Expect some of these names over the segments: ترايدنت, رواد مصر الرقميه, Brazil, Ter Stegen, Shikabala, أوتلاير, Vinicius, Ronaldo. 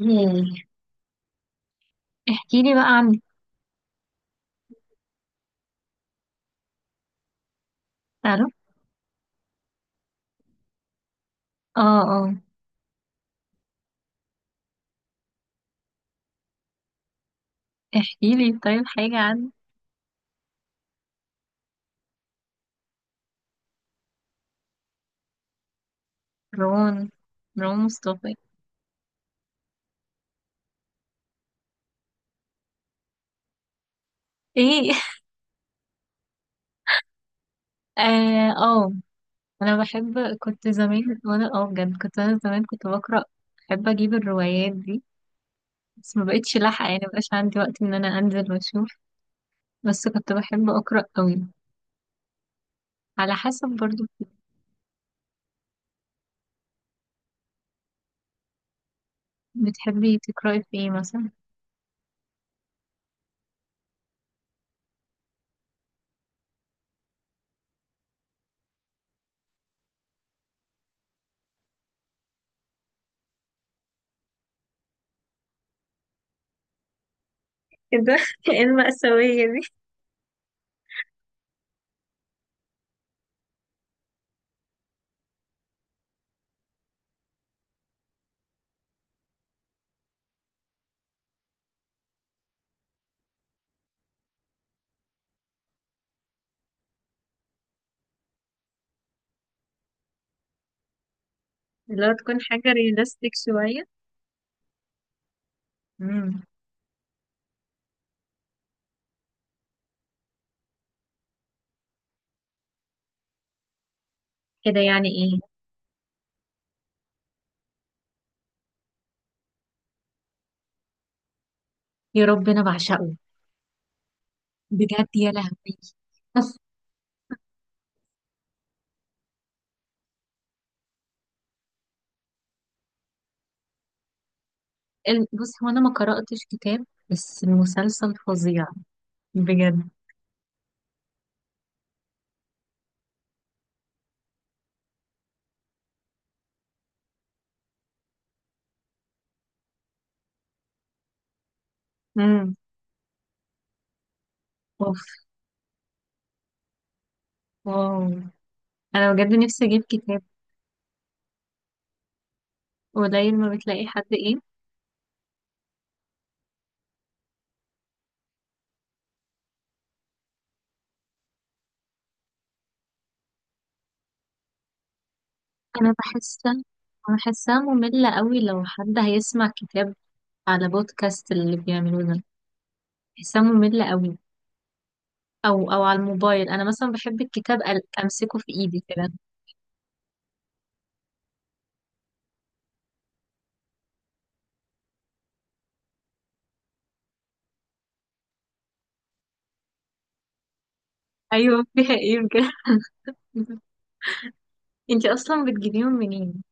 ياه. احكي لي بقى عن تعرف اه اه احكي لي طيب حاجة عن. رون، رون مصطفى. ايه. اه اه. انا بحب كنت زمان وانا اه بجد كنت انا زمان كنت بقرأ. بحب اجيب الروايات دي، بس ما بقتش لاحقة، يعني مبقاش عندي وقت ان انا انزل واشوف. بس كنت بحب اقرأ قوي، على حسب برضو. بتحبي تقرأي في ايه مثلا؟ كده. ايه المأساوية دي؟ اللي هو تكون حاجة ريلاستيك شوية. امم. كده يعني ايه؟ يا رب، انا بعشقه. بجد يا لهوي. بس بص هو انا ما قرأتش كتاب، بس المسلسل فظيع. بجد. امم. اوف. واو. انا بجد نفسي اجيب كتاب. قليل ما بتلاقي حد، ايه؟ انا بحسها، بحسها مملة قوي لو حد هيسمع كتاب على بودكاست اللي بيعملوه ده. بحسها مملة قوي. او او على الموبايل. انا مثلا بحب الكتاب امسكه في ايدي كده. ايوه، فيها ايه بجد؟ انتي اصلا بتجيبيهم منين؟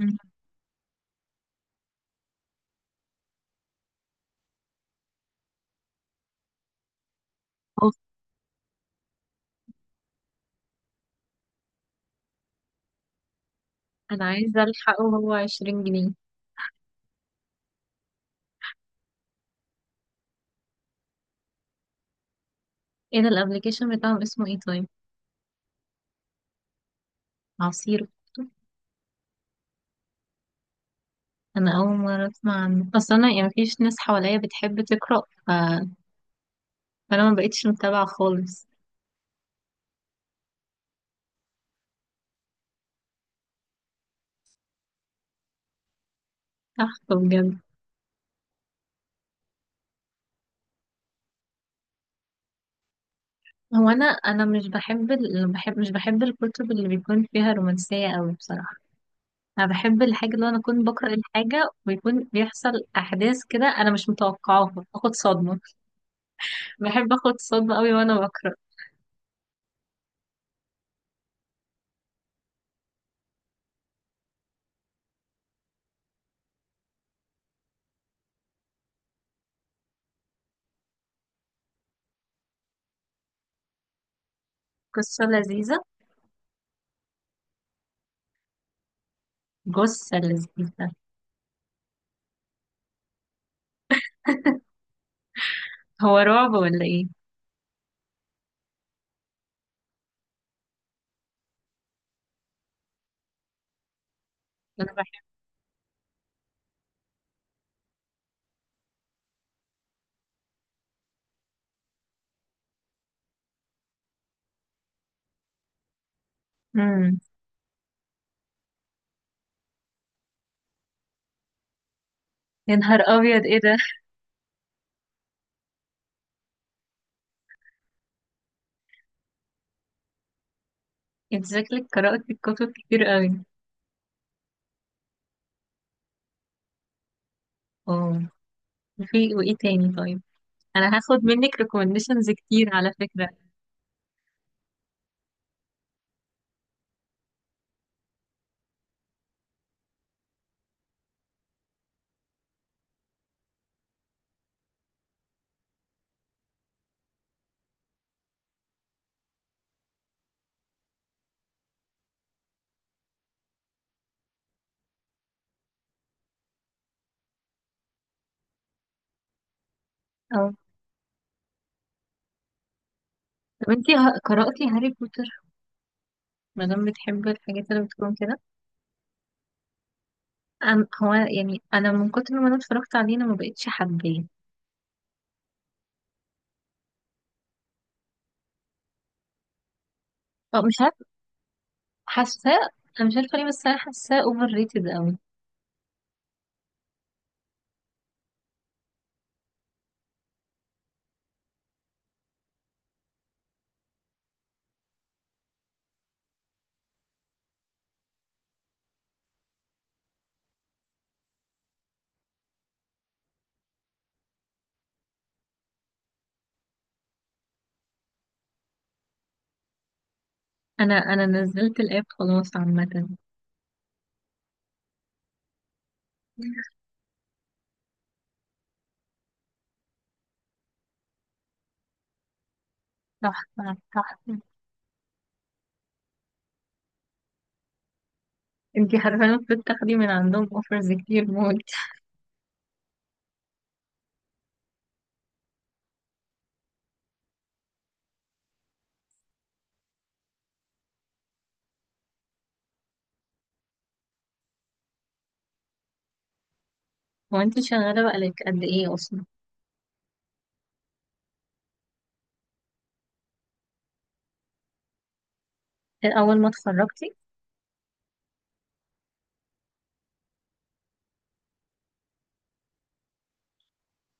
امم. انا عايزه الحقه وهو 20 جنيه. ايه ده الابلكيشن بتاعهم اسمه ايه طيب؟ عصير. انا اول مره اسمع عنه، اصل انا يعني مفيش ناس حواليا بتحب تقرا، ف... فانا ما بقتش متابعه خالص. تحفه بجد. هو انا مش بحب مش بحب الكتب اللي بيكون فيها رومانسيه قوي بصراحه. انا بحب الحاجه اللي انا اكون بقرا الحاجه ويكون بيحصل احداث كده انا مش متوقعاها، اخد صدمه. بحب اخد صدمه قوي وانا بقرا. قصه لذيذه. جثه لذيذه. هو رعب ولا ايه؟ انا بحب. امم. يا نهار ابيض، ايه ده؟ انت شكلك قرأت الكتب كتير قوي. اه. في وايه تاني طيب؟ انا هاخد منك ريكومنديشنز كتير على فكرة. اه. طب انت قرأتي هاري بوتر؟ ما دام بتحبي الحاجات اللي بتكون كده. أم، هو يعني انا من كتر ما انا اتفرجت عليه انا ما بقتش حباه. اه مش عارفه. حاساه. انا مش عارفه ليه، بس انا حاساه اوفر ريتد قوي. انا نزلت الاب خلاص عامه. تحفه تحفه. انتي حرفيا المفروض تاخدي من عندهم اوفرز كتير موت. هو انتي شغالة بقالك قد ايه اصلا؟ اول ما اتخرجتي.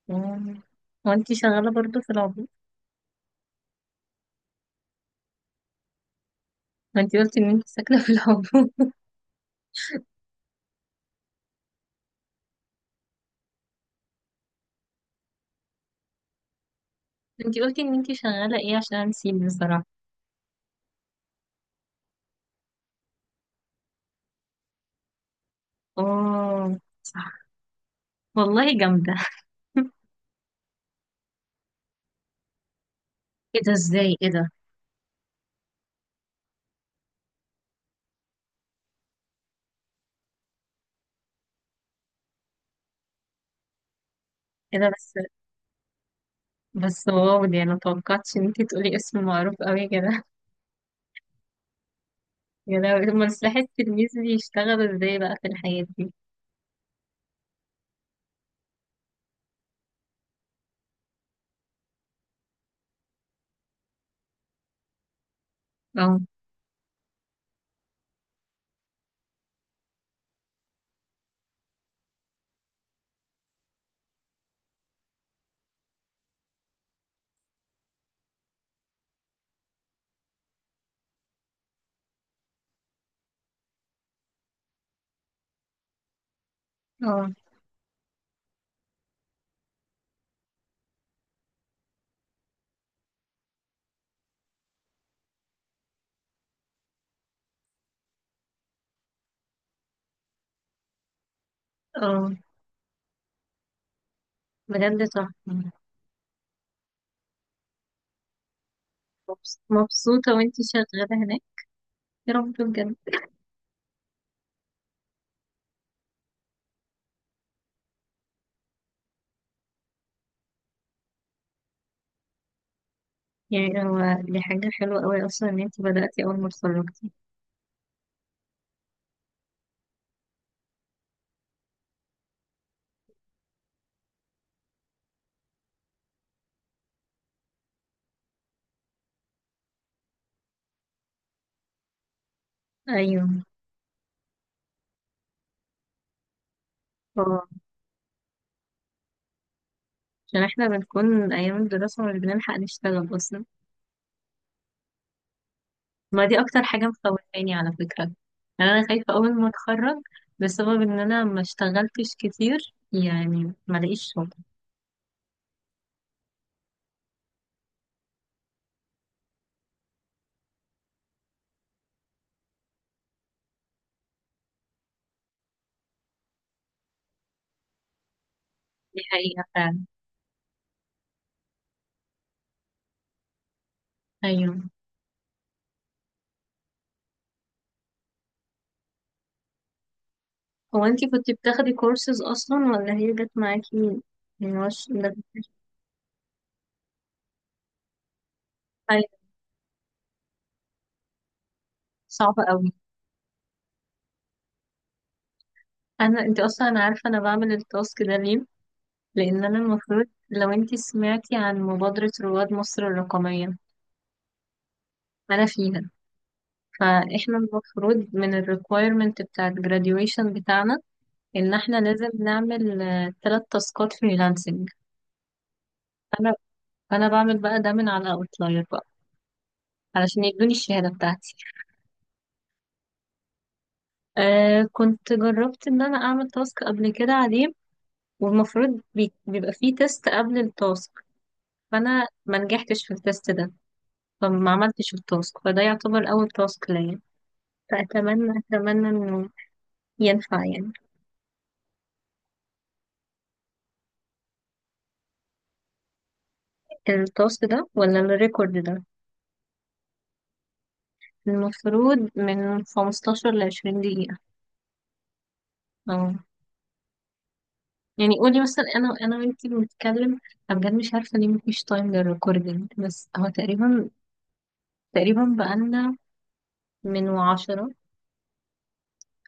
مم. هو انتي شغالة برضو في العبور؟ ما انتي قلتي ان انتي ساكنة في العبور. انتي قلتي ان انتي شغالة ايه عشان نسيب بصراحة؟ اه صح. والله جامدة. ايه ده؟ ازاي؟ ايه ده؟ ايه ده بس؟ بس واو، دي انا متوقعتش ان انتي تقولي اسم معروف قوي كده. يا لهوي، امال سلاح التلميذ بيشتغل ازاي بقى في الحياة دي؟ اه. اه. اه بجد تحفة. مبسوطة وانتي شغالة هناك، يا رب بجد. يعني هو دي حاجة حلوة قوي أصلا إن انتي بدأتي أول ما اتخرجتي. أيوه. اه، عشان احنا بنكون أيام الدراسة مش بنلحق نشتغل أصلا. ما دي أكتر حاجة مخوفاني على فكرة. يعني أنا خايفة أول ما اتخرج بسبب إن أنا ما اشتغلتش كتير، يعني ما لاقيش شغل. دي حقيقة فعلا. أيوه. هو انتي كنتي بتاخدي كورسز أصلا ولا هي جت معاكي؟ يعني هو ده حاجة صعبة أوي. انا انت اصلا انا عارفه انا بعمل التاسك ده ليه. لان انا المفروض، لو انت سمعتي عن مبادره رواد مصر الرقميه، انا فيها، فاحنا المفروض من الريكويرمنت بتاع الجراديويشن بتاعنا ان احنا لازم نعمل ثلاث تاسكات فريلانسنج. انا انا بعمل بقى ده من على اوتلاير بقى علشان يدوني الشهاده بتاعتي. آه، كنت جربت ان انا اعمل تاسك قبل كده عليه، والمفروض بيبقى فيه تيست قبل التاسك، فانا ما نجحتش في التيست ده، فما عملتش التاسك، فده يعتبر أول تاسك ليا. فأتمنى، أتمنى إنه ينفع يعني. التاسك ده ولا الريكورد ده؟ المفروض من 15 لعشرين دقيقة. اه. يعني قولي مثلا أنا، أنا وأنتي بنتكلم، أنا بجد مش عارفة ليه مفيش تايم للريكوردينج، بس هو تقريبا، تقريبا بقالنا من وعشرة،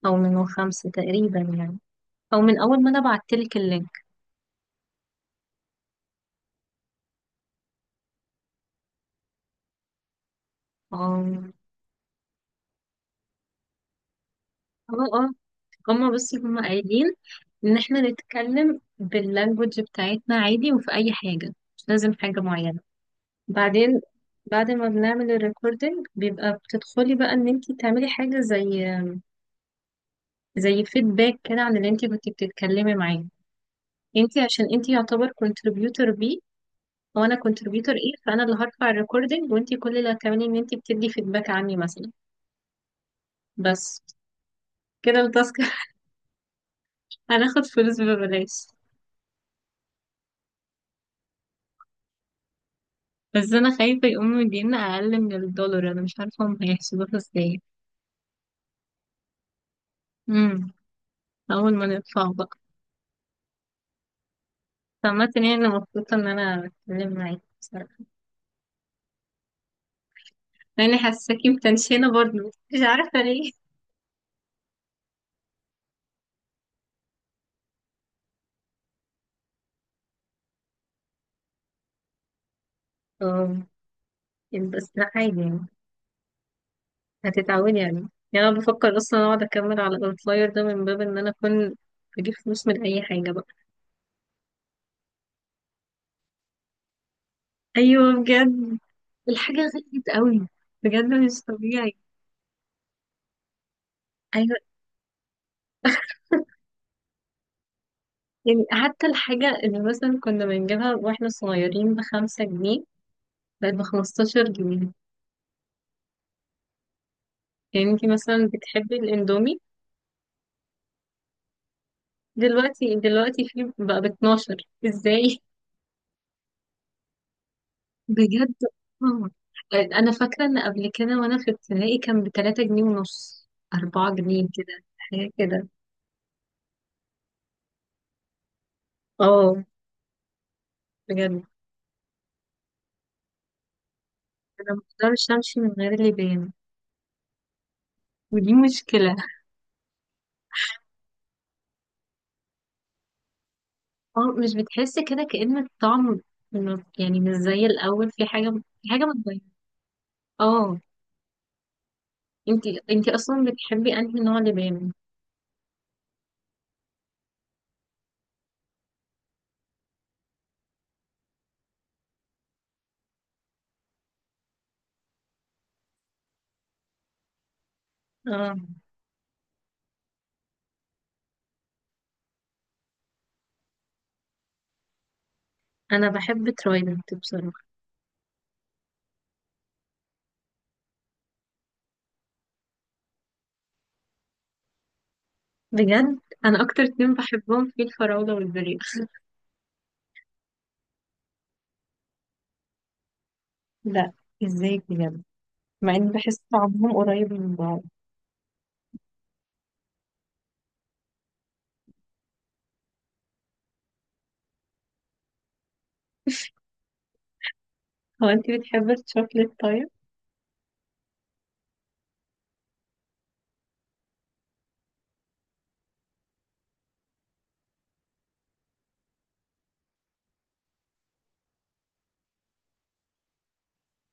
أو من خمسة تقريبا يعني، أو من أول ما أنا بعتلك اللينك. اه. اه. اه. هما، بس هما قايلين ان احنا نتكلم باللانجوج بتاعتنا عادي، وفي اي حاجة، مش لازم حاجة معينة. بعدين بعد ما بنعمل الريكوردنج بيبقى بتدخلي بقى ان انت تعملي حاجة زي، زي فيدباك كده عن اللي انت كنت بتتكلمي معاه. انت عشان انت يعتبر كونتريبيوتور بي، وانا كونتريبيوتور ايه، فانا اللي هرفع الريكوردنج وانت كل اللي هتعملي ان انت بتدي فيدباك عني مثلا. بس كده التاسك. هناخد فلوس ببلاش. بس انا خايفة يقوموا يدينا اقل من الدولار، انا مش عارفة هم هيحسبوها ازاي. امم. اول ما نطلع بقى. سمعت ان انا مبسوطه ان انا اتكلم معاكي بصراحه، لاني حاساكي متنشنه برضه، مش عارفه ليه. اه بس ده عادي يعني، هتتعودي عليه. يعني انا بفكر اصلا اقعد اكمل على الاوتلاير ده من باب ان انا اكون بجيب فلوس من اي حاجه بقى. ايوه بجد، الحاجه غليت قوي، بجد مش طبيعي. ايوه، يعني حتى الحاجه اللي مثلا كنا بنجيبها واحنا صغيرين بخمسة جنيه بقت بخمستاشر جنيه. يعني انتي مثلا بتحبي الاندومي؟ دلوقتي دلوقتي في بقى ب 12. ازاي؟ بجد. آه. انا فاكره ان قبل كده وانا في ابتدائي كان ب 3 جنيه ونص، 4 جنيه كده، حاجه كده. اه بجد. انا ما اقدرش امشي من غير اللي بان، ودي مشكله. اه مش بتحس كده كأن الطعم، يعني مش زي الاول، في حاجه، في حاجه متغيره. اه. انتي اصلا بتحبي انهي نوع لبان؟ اه انا بحب ترايدنت بصراحه. بجد انا اكتر اتنين بحبهم في الفراوله والبريق. لا. ازاي بجد؟ مع اني بحس طعمهم قريب من بعض. هو انت بتحبي الشوكليت طيب؟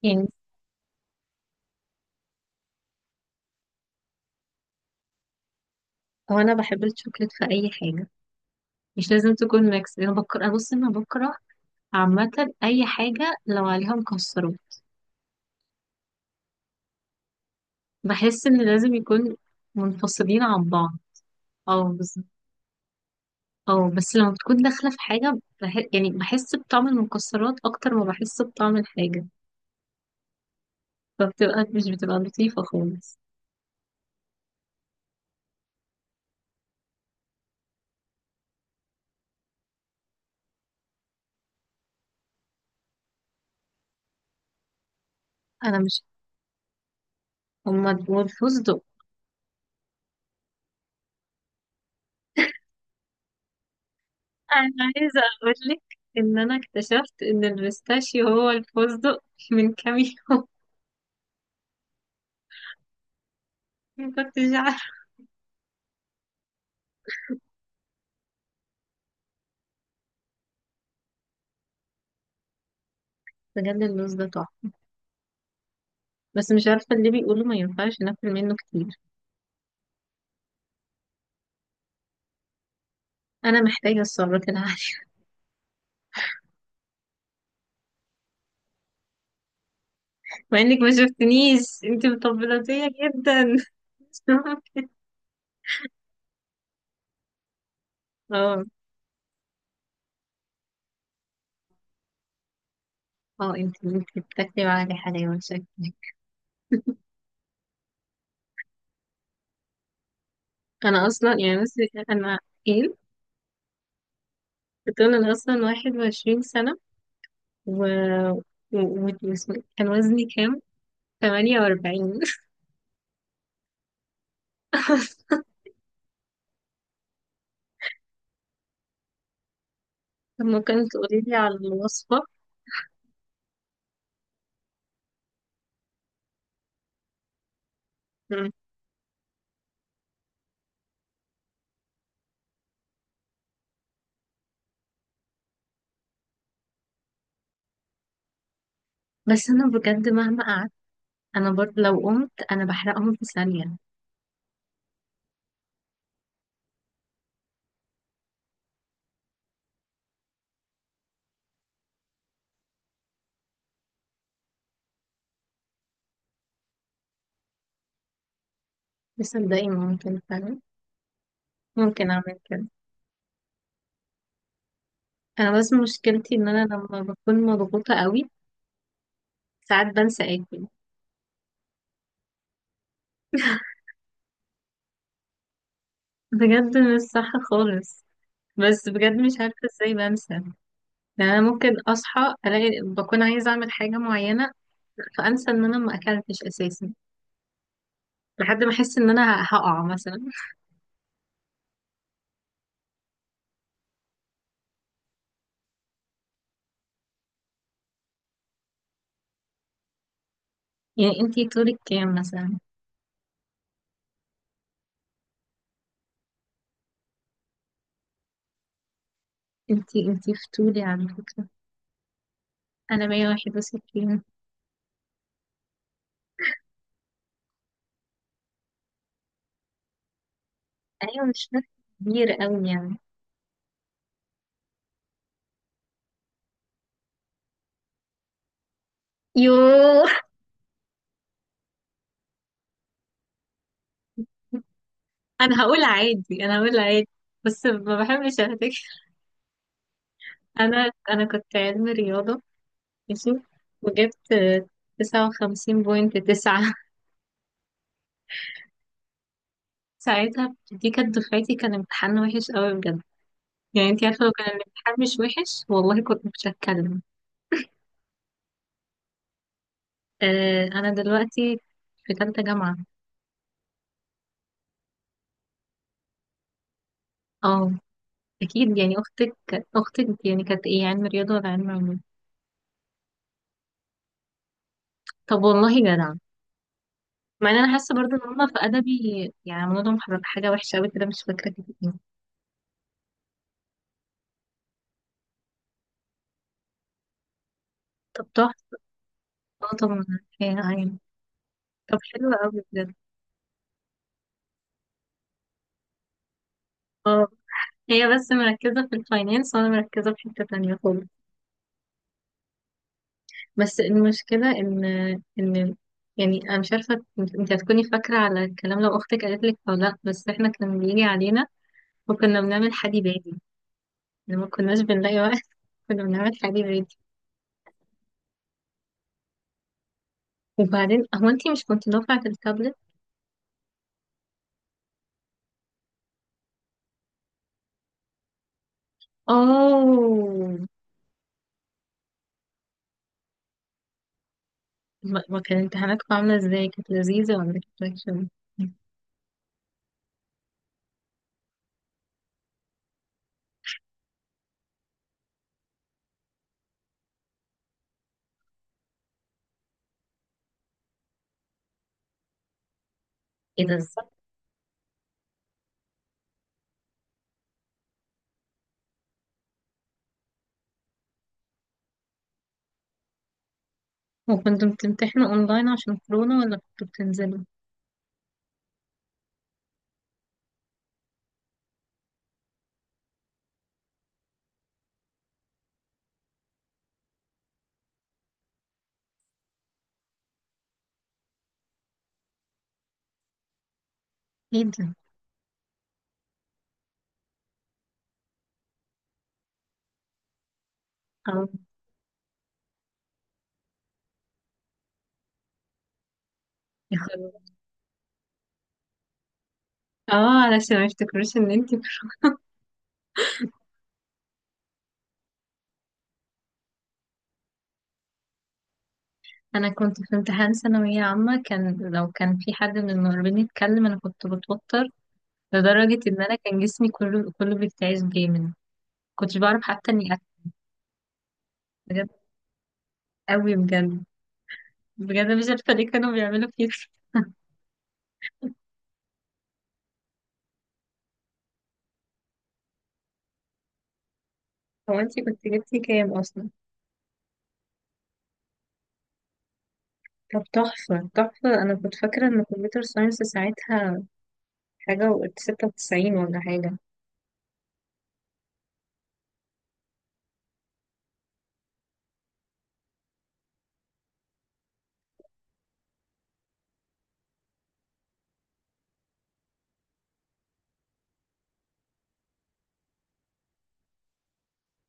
يعني هو انا بحب الشوكليت في اي حاجه، مش لازم تكون ميكس. انا بكره، بص انا بكره عامه اي حاجه لو عليها مكسرات، بحس ان لازم يكون منفصلين عن بعض. اه بس. اه بس لما بتكون داخله في حاجه يعني بحس بطعم المكسرات اكتر ما بحس بطعم الحاجه، فبتبقى، مش بتبقى لطيفه خالص. انا مش. هما دول فستق؟ انا عايزه اقول لك ان انا اكتشفت ان البيستاشيو هو الفستق من كام يوم. ما كنتش عارفه. بجد اللوز ده تحفه، بس مش عارفه، اللي بيقولوا ما ينفعش ناكل منه كتير. انا محتاجه السعرات العاليه. مع انك ما شفتنيش، انت مطبلاتيه جدا. مش ممكن. اه. اه انت انت بتاكلي معايا حلاوه شكلك. انا اصلا يعني بس. انا. ايه؟ بتقول انا اصلا 21 سنه و... كان وزني كام؟ تمانية وأربعين. طب ممكن تقولي لي على الوصفة؟ مم. بس أنا بجد مهما قعدت، أنا برضه لو قمت أنا بحرقهم في ثانية. بس صدقني ممكن فعلا، ممكن أعمل كده. أنا بس مشكلتي إن أنا لما بكون مضغوطة قوي ساعات بنسى آكل. بجد مش صح خالص. بس بجد مش عارفة ازاي بنسى يعني. أنا ممكن أصحى ألاقي بكون عايزة أعمل حاجة معينة فأنسى إن أنا ما أكلتش أساسا لحد ما أحس إن أنا هقع مثلا. يعني أنتي طولك كام مثلا؟ انتي فتولي على فكرة. انا 161. ايوه مش فرق كبير قوي يعني. يوه. انا هقول عادي، بس ما بحبش اهتك. انا كنت علم رياضة، ماشي، وجبت تسعة وخمسين بوينت تسعة. ساعتها دي كانت دفعتي، كان امتحان وحش قوي بجد. يعني انتي عارفة، لو كان الامتحان مش وحش والله كنت مش هتكلم. آه انا دلوقتي في تالتة جامعة. اه اكيد يعني اختك. اختك يعني كانت ايه، علم رياضه ولا علم علوم؟ طب والله جدع. مع ان انا حاسه برضه ان هما في ادبي يعني عملوا لهم حاجه وحشه قوي كده، مش فاكره كده ايه. طب تحفه. اه طبعا. هي عين. طب حلو قوي بجد. اه هي بس مركزه في الفاينانس وانا مركزه في حته تانية خالص. بس المشكله ان، ان، يعني انا مش عارفه إنت هتكوني فاكره على الكلام لو اختك قالت لك او لا، بس احنا كان بيجي علينا وكنا بنعمل حدي بادي لما كناش بنلاقي وقت. كنا بنعمل حدي بادي. وبعدين هو انتي مش كنت دفعة التابلت؟ اوه. ما كان امتحاناتكم عاملة ازاي؟ كانت لذيذة، ولا كانت وحشة؟ ايه ده؟ ازاي؟ وكنتوا بتمتحنوا اونلاين عشان كورونا ولا كنتوا بتنزلوا؟ ايه ده؟ اه. يا خبر. اه علشان ما يفتكروش ان انتي. انا كنت في امتحان ثانوية عامة، كان لو كان في حد من المقربين يتكلم انا كنت بتوتر لدرجة ان انا كان جسمي كله بيرتعش جامد، كنتش بعرف حتى اني اكل. بجد قوي بجد. بجد مش عارفة ليه كانوا بيعملوا كده. هو انتي كنت جبتي كام اصلا؟ طب تحفة تحفة. انا كنت فاكرة ان الكمبيوتر ساينس ساعتها حاجة وقت ستة وتسعين ولا حاجة.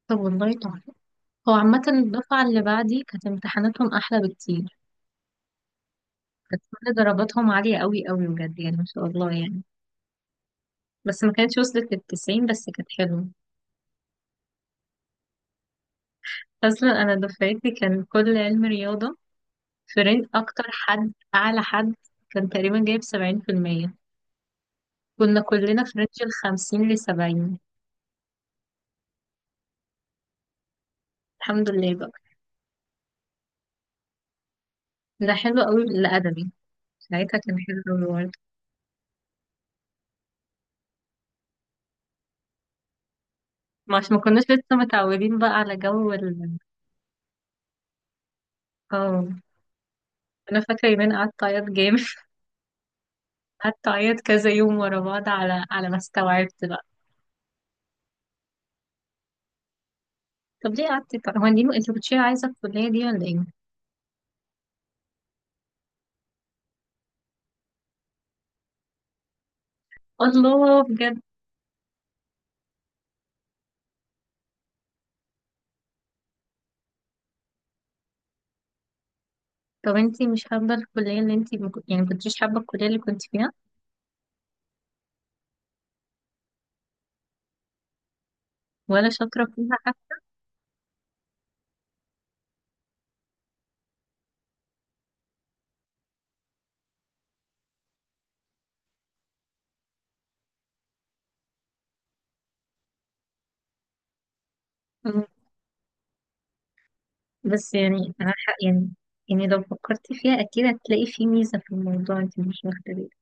طب والله تحفة. هو عامة الدفعة اللي بعدي كانت امتحاناتهم أحلى بكتير. كانت كل درجاتهم عالية قوي بجد يعني، ما شاء الله يعني. بس ما كانتش وصلت للتسعين، بس كانت حلوة. أصلا أنا دفعتي كان كل علم رياضة فرنج أكتر حد، أعلى حد كان تقريبا جايب سبعين في المية، كنا كلنا في رينج الخمسين لسبعين. الحمد لله. ده حلو قوي الأدبي، ساعتها كان حلو قوي برضه. ما عشان ما كناش لسه متعودين بقى على جو ال. اه. أنا فاكرة يومين قعدت أعيط جامد. قعدت أعيط كذا يوم ورا بعض على، على ما استوعبت بقى. طب ليه قعدتي؟ طب هو انتي كنتش عايزة الكلية دي ولا ايه؟ الله بجد. طب انتي مش حابة الكلية اللي انتي يعني مكنتيش حابة الكلية اللي كنت فيها؟ ولا شاطرة فيها حتى؟ بس يعني أنا حق يعني. يعني لو فكرتي فيها أكيد هتلاقي في ميزة في الموضوع انتي مش واخدة بالك.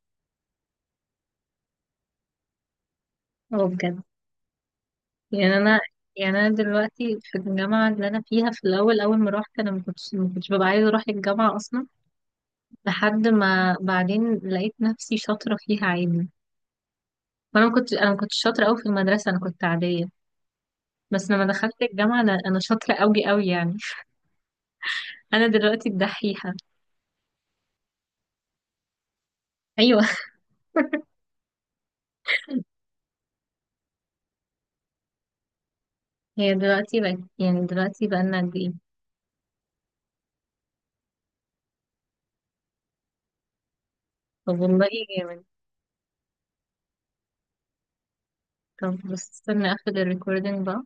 اه بجد. يعني انا، يعني انا دلوقتي في الجامعه اللي انا فيها، في الاول اول ما روحت انا ما كنتش، ما كنتش ببقى عايزه اروح الجامعه اصلا، لحد ما بعدين لقيت نفسي شاطره فيها عادي. وانا ما كنتش، انا ما كنتش شاطره قوي في المدرسه، انا كنت عاديه، بس لما دخلت الجامعه انا شاطره قوي يعني. انا دلوقتي الدحيحه. ايوه. هي دلوقتي بقت، يعني دلوقتي بقالنا قد ايه؟ طب والله جامد. طب بس استنى اخد الريكوردينج بقى.